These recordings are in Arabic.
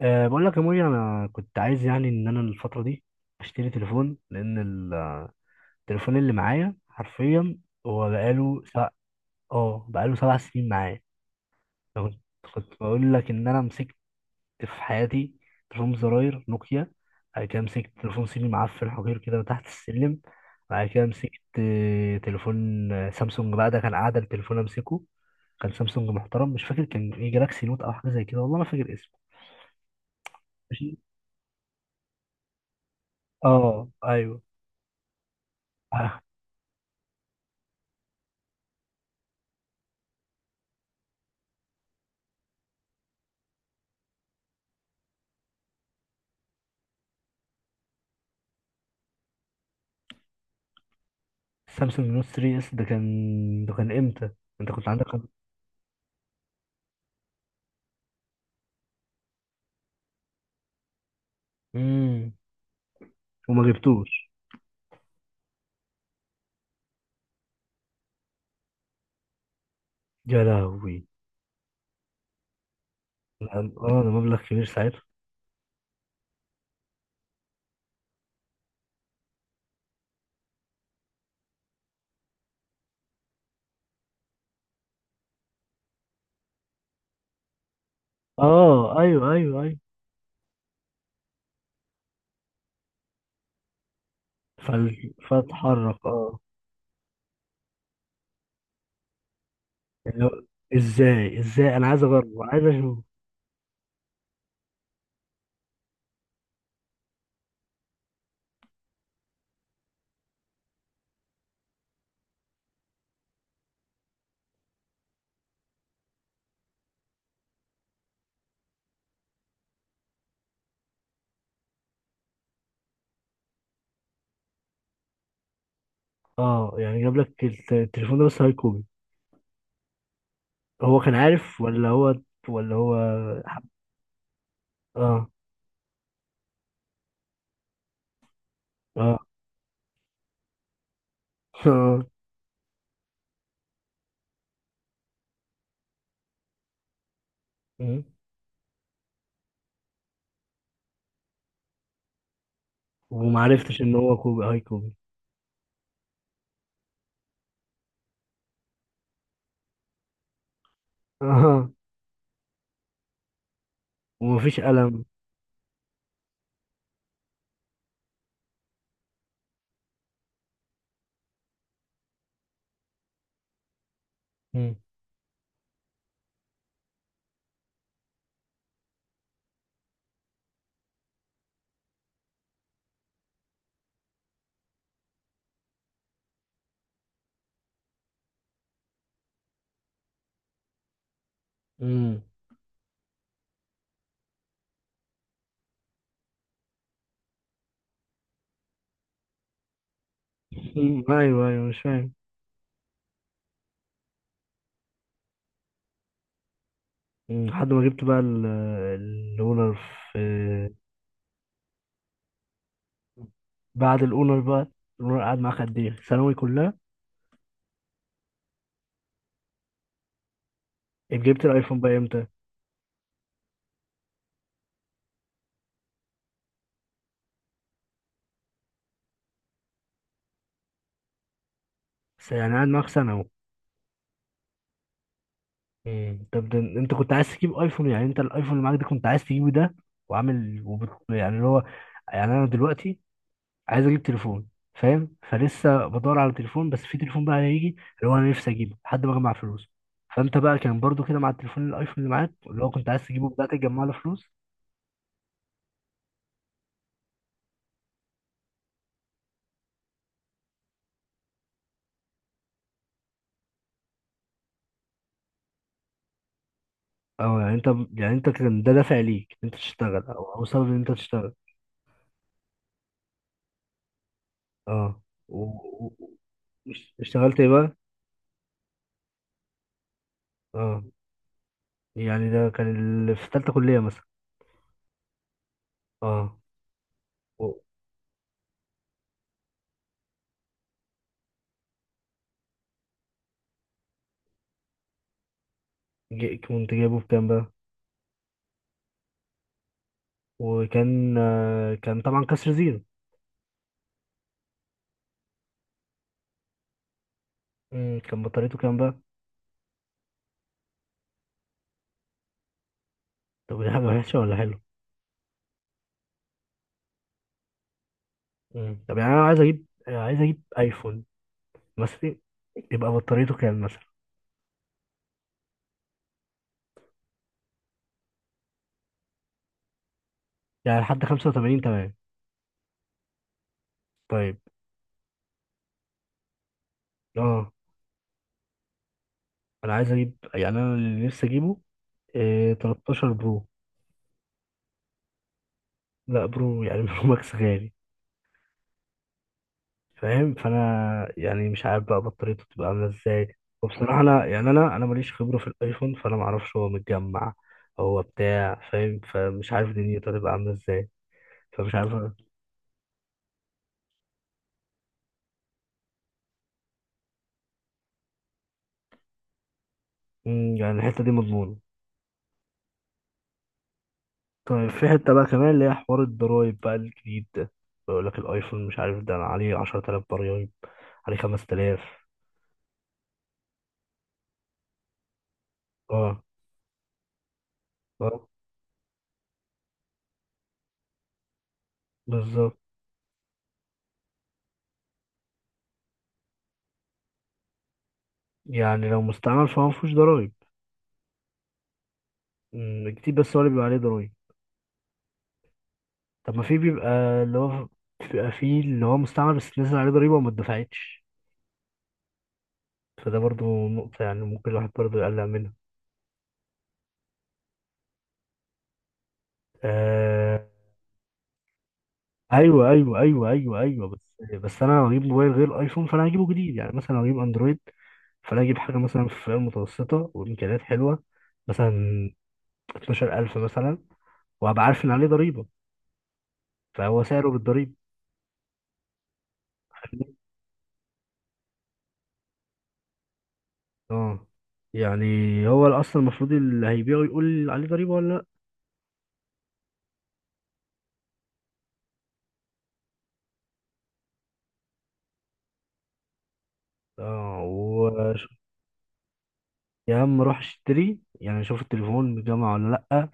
أه بقول لك يا موري، انا كنت عايز يعني ان انا الفتره دي اشتري تليفون لان التليفون اللي معايا حرفيا هو بقاله 7 سنين معايا. أنا كنت بقول لك ان انا مسكت في حياتي تليفون زراير نوكيا، بعد كده مسكت تليفون صيني معفن حقير كده تحت السلم. بعد كده مسكت تليفون سامسونج، بقى ده كان قاعده التليفون امسكه. كان سامسونج محترم، مش فاكر كان ايه، جالاكسي نوت او حاجه زي كده، والله ما فاكر اسمه. ماشي. اه ايوه. سامسونج نوت 3 اس، ده كان امتى؟ انت كنت عندك امم وما جبتوش؟ يا لهوي. لا، اه ده مبلغ كبير ساعتها. اه ايوه ايوه ايوه. فاتحرك اه يعني ازاي، انا عايز اجرب، عايز اشوف. اه يعني جاب لك التليفون ده بس هاي كوبي؟ هو كان عارف ولا هو؟ اه اه. اه. امم ومعرفتش ان هو كوبي، هاي كوبي. اه. ومفيش قلم؟ امم. مم، ايوه ايوه، مش فاهم. مم، لحد ما جبت بقى الاونر، في. بعد الاونر بقى، الاونر قعد معاك قد ايه، ثانوي كلها؟ جبت الايفون بقى امتى؟ يعني قعد معاك سنه اهو. مم، طب ده انت كنت عايز تجيب ايفون؟ يعني انت الايفون اللي معاك ده كنت عايز تجيبه ده، وعامل يعني اللي هو، يعني انا دلوقتي عايز اجيب تليفون، فاهم؟ فلسه بدور على تليفون، بس في تليفون بقى هيجي اللي هو انا نفسي اجيبه لحد ما اجمع فلوس. فانت بقى كان برضو كده مع التليفون، الايفون اللي معاك اللي هو كنت عايز تجيبه، بدأت تجمع له فلوس؟ اه يعني انت، يعني انت كان ده دافع ليك ان انت تشتغل، او او سبب ان انت تشتغل؟ اه. و... و... اشتغلت ايه بقى؟ اه. يعني ده كان اللي في تالتة كلية مثلا؟ اه. و... كنت جايبه بكام بقى؟ وكان كان طبعا كسر زيرو؟ مم، كان بطاريته كام بقى؟ طب دي حاجة وحشة ولا حلوة؟ مم. طب يعني انا عايز اجيب، عايز اجيب ايفون مثلا، يبقى بطاريته كام مثلا؟ يعني لحد 85، تمام. طيب. اه انا عايز اجيب، يعني انا اللي نفسي اجيبه إيه، 13 برو. لا برو يعني، برو ماكس غالي. فاهم؟ فانا يعني مش عارف بقى بطاريته بتبقى عامله ازاي. وبصراحه انا يعني انا ماليش خبره في الايفون، فانا ما اعرفش هو متجمع، هو بتاع، فاهم؟ فمش عارف دنيته هتبقى عامله ازاي. فمش عارف أنا. مم، يعني الحته دي مضمونه؟ طيب في حته بقى كمان اللي هي حوار الضرايب بقى الجديد ده، بيقول لك الايفون مش عارف ده عليه 10٬000 ضرايب، عليه 5000. اه اه بالظبط. يعني لو مستعمل فهو مفيهوش ضرايب؟ مم، جديد بس هو اللي بيبقى عليه ضرايب. طب ما في بيبقى اللي هو بيبقى في اللي هو مستعمل بس نزل عليه ضريبة وما اتدفعتش، فده برضو نقطة يعني ممكن الواحد برضو يقلق منها. آه... أيوة أيوة أيوة أيوة أيوة، بس أنا لو هجيب موبايل غير أيفون فأنا هجيبه جديد، يعني مثلا لو هجيب أندرويد فأنا هجيب حاجة مثلا في فئة متوسطة وإمكانيات حلوة، مثلا 12٬000 مثلا، وهبقى عارف إن عليه ضريبة، فهو سعره بالضريبة. اه يعني هو اصلا المفروض اللي هيبيعه يقول عليه ضريبه ولا؟ اه وشوف. يا عم روح اشتري، يعني شوف التليفون بجامعة ولا لأ.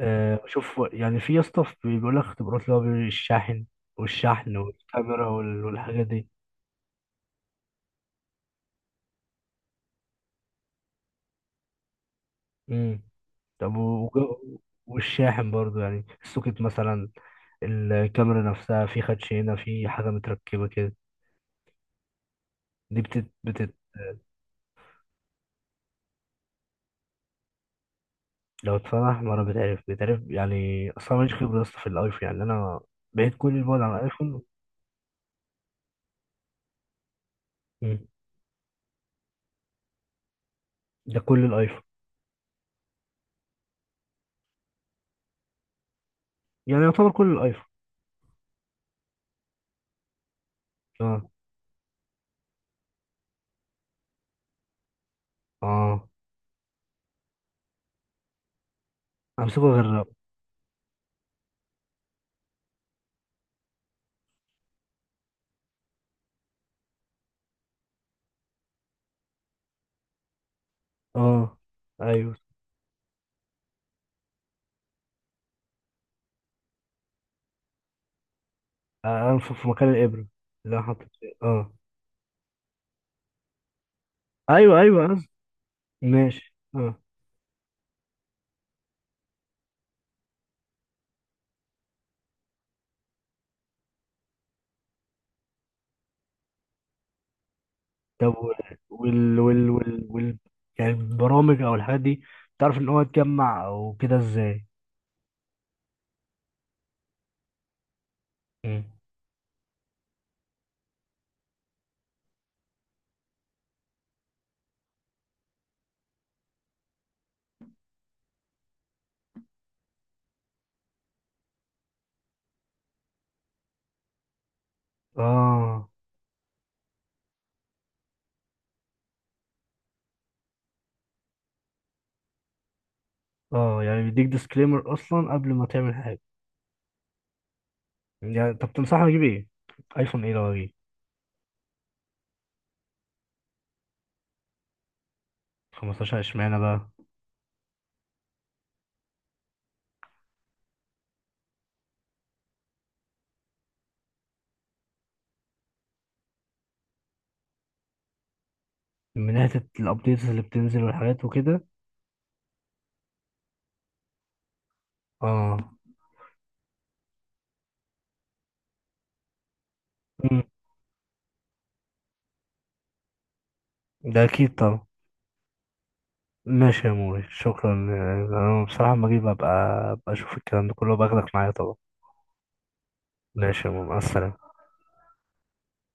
آه شوف يعني في يا اسطى بيقول لك اختبارات اللي هو بيقول الشاحن والشحن والكاميرا والحاجات دي. امم. طب والشاحن برضو يعني، السوكت مثلا، الكاميرا نفسها في خدش، هنا في حاجة متركبة كده. دي بتت. لو اتفتح مرة بتعرف يعني. أصلا ماليش خبرة يا اسطى في الأيفون، يعني أنا بعيد كل البعد عن الأيفون. مم. ده كل الأيفون؟ يعني يعتبر كل الأيفون. اه امسكه غير. اه ايوه. انفخ في مكان الابره اللي انا حاطط فيه اه. ايوه ايوه قصدي. ماشي اه. طب وال وال وال, وال... يعني البرامج او الحاجات دي بتعرف ان هو يتجمع او كده ازاي؟ مم. اه اه، يعني بيديك ديسكليمر اصلا قبل ما تعمل حاجه؟ يعني طب تنصحني اجيب ايه، ايفون ايه لو اجيب؟ 15؟ اشمعنى بقى؟ من ناحيه الابديتس اللي بتنزل والحاجات وكده؟ اه. مم. ده اكيد طبعا. ماشي يا موري، شكرا. انا بصراحة لما اجي ببقى، ببقى اشوف الكلام ده كله، باخدك معايا طبعا. ماشي يا موري، مع السلامة.